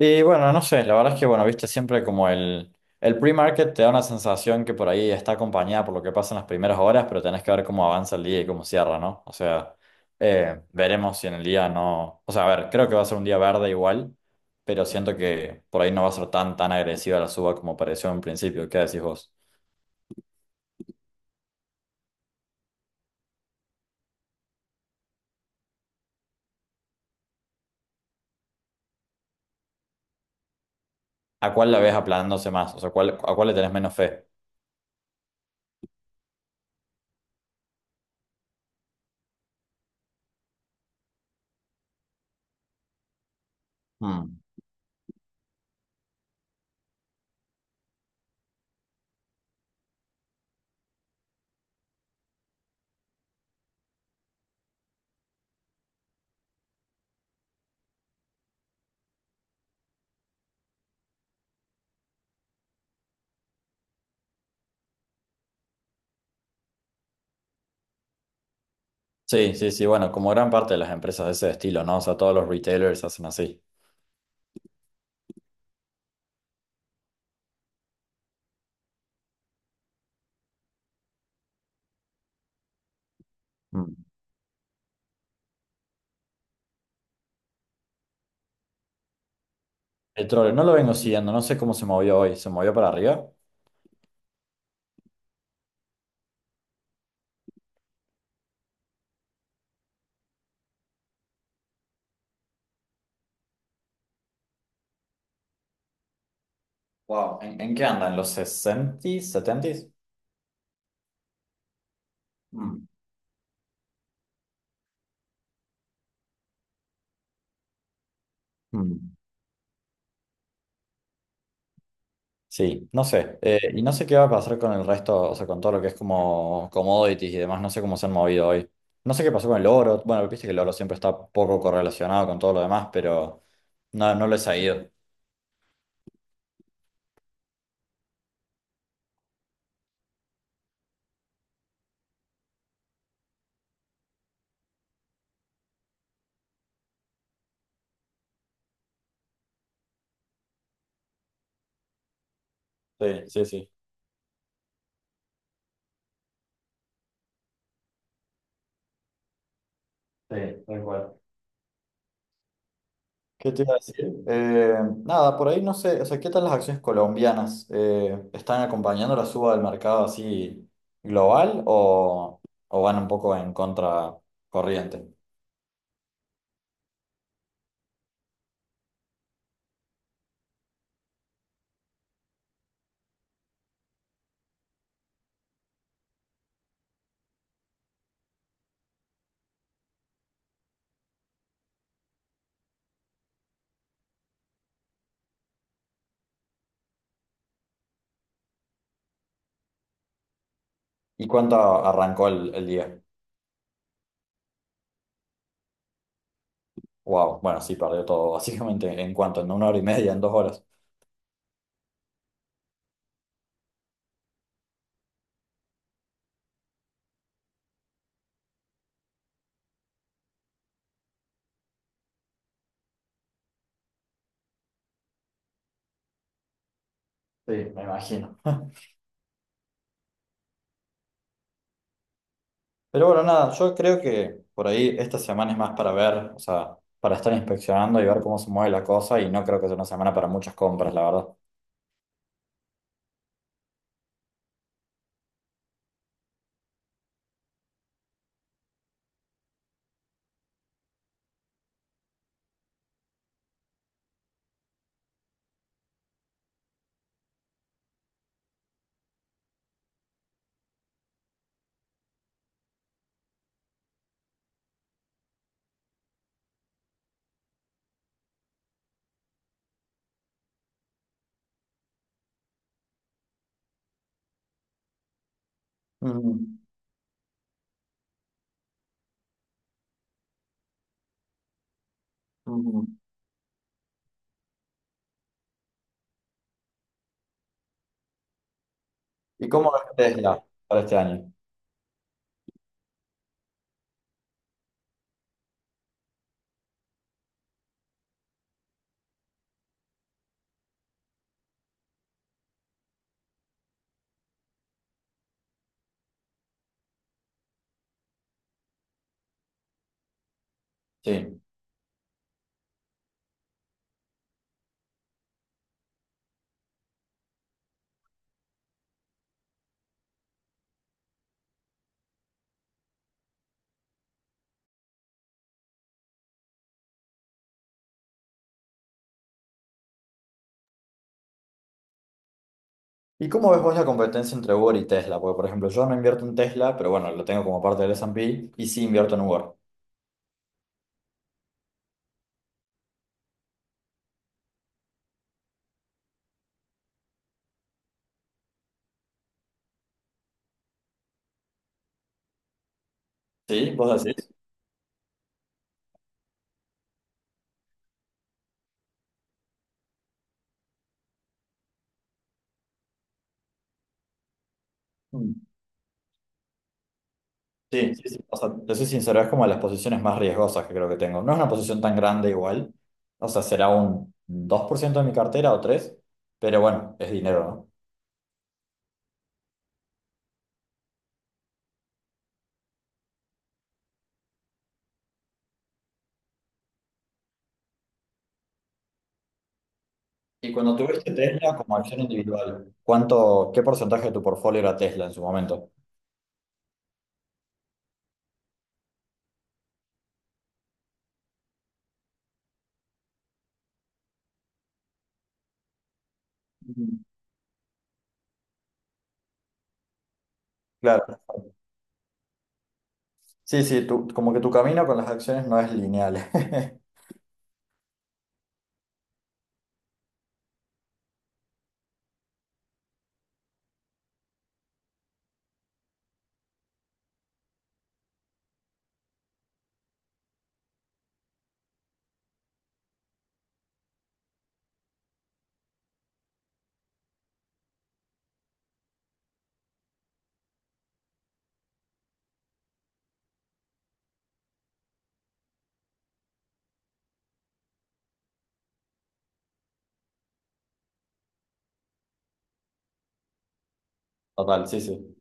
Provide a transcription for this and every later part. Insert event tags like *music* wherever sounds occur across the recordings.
Y bueno, no sé, la verdad es que, bueno, viste, siempre como el pre-market te da una sensación que por ahí está acompañada por lo que pasa en las primeras horas, pero tenés que ver cómo avanza el día y cómo cierra, ¿no? O sea, veremos si en el día no... O sea, a ver, creo que va a ser un día verde igual, pero siento que por ahí no va a ser tan agresiva la suba como pareció en principio. ¿Qué decís vos? ¿A cuál la ves aplanándose más? O sea, ¿cuál, a cuál le tenés menos fe? Mm. Sí, sí, sí, bueno, como gran parte de las empresas de ese estilo, ¿no? O sea, todos los retailers hacen así. El petróleo no lo vengo siguiendo, no sé cómo se movió hoy. ¿Se movió para arriba? Wow, ¿en qué anda? ¿En los 60s, mm, mm? Sí, no sé. Y no sé qué va a pasar con el resto, o sea, con todo lo que es como commodities y demás, no sé cómo se han movido hoy. No sé qué pasó con el oro. Bueno, viste que el oro siempre está poco correlacionado con todo lo demás, pero no lo he seguido. Sí, sí, sí. Sí, tal cual. ¿Qué te iba a decir? Nada, por ahí no sé, o sea, ¿qué tal las acciones colombianas? ¿Están acompañando la suba del mercado así global o van un poco en contracorriente? ¿Y cuánto arrancó el día? Wow, bueno, sí, perdió todo, *laughs* básicamente, ¿en cuánto? ¿En una hora y media? ¿En dos horas? Sí, me imagino. *laughs* Pero bueno, nada, yo creo que por ahí esta semana es más para ver, o sea, para estar inspeccionando y ver cómo se mueve la cosa y no creo que sea una semana para muchas compras, la verdad. Ujú, ujú. ¿Y cómo ves Tesla para este año? Sí. ¿Y cómo ves vos la competencia entre Uber y Tesla? Porque, por ejemplo, yo no invierto en Tesla, pero bueno, lo tengo como parte del S&P y sí invierto en Uber. ¿Sí? ¿Vos decís? Mm. Sí, sí, sí. O sea, te soy sincero, es como de las posiciones más riesgosas que creo que tengo. No es una posición tan grande igual. O sea, será un 2% de mi cartera o 3%, pero bueno, es dinero, ¿no? Y cuando tuviste Tesla como acción individual, ¿cuánto, qué porcentaje de tu portfolio era Tesla en su momento? Mm. Claro. Sí, sí, tú, como que tu camino con las acciones no es lineal. *laughs* Total, sí, sí.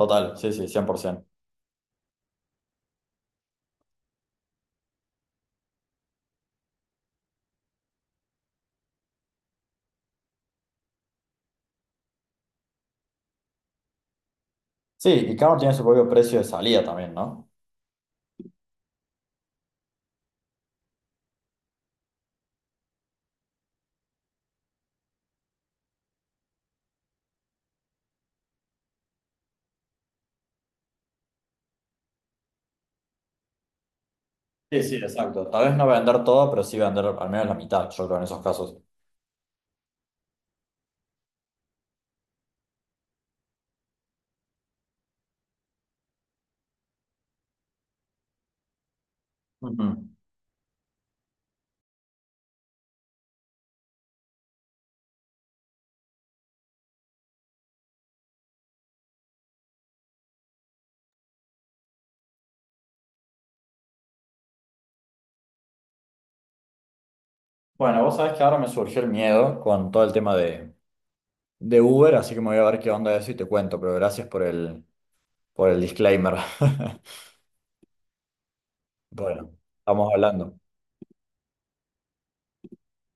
Total, sí, sí, 100%. Sí, y cada uno tiene su propio precio de salida también, ¿no? Sí, sí, exacto. Tal vez no vender todo, pero sí vender al menos la mitad, yo creo, en esos casos. Ujú. Bueno, vos sabés que ahora me surgió el miedo con todo el tema de Uber, así que me voy a ver qué onda de eso y te cuento, pero gracias por por el disclaimer. *laughs* Bueno, estamos hablando.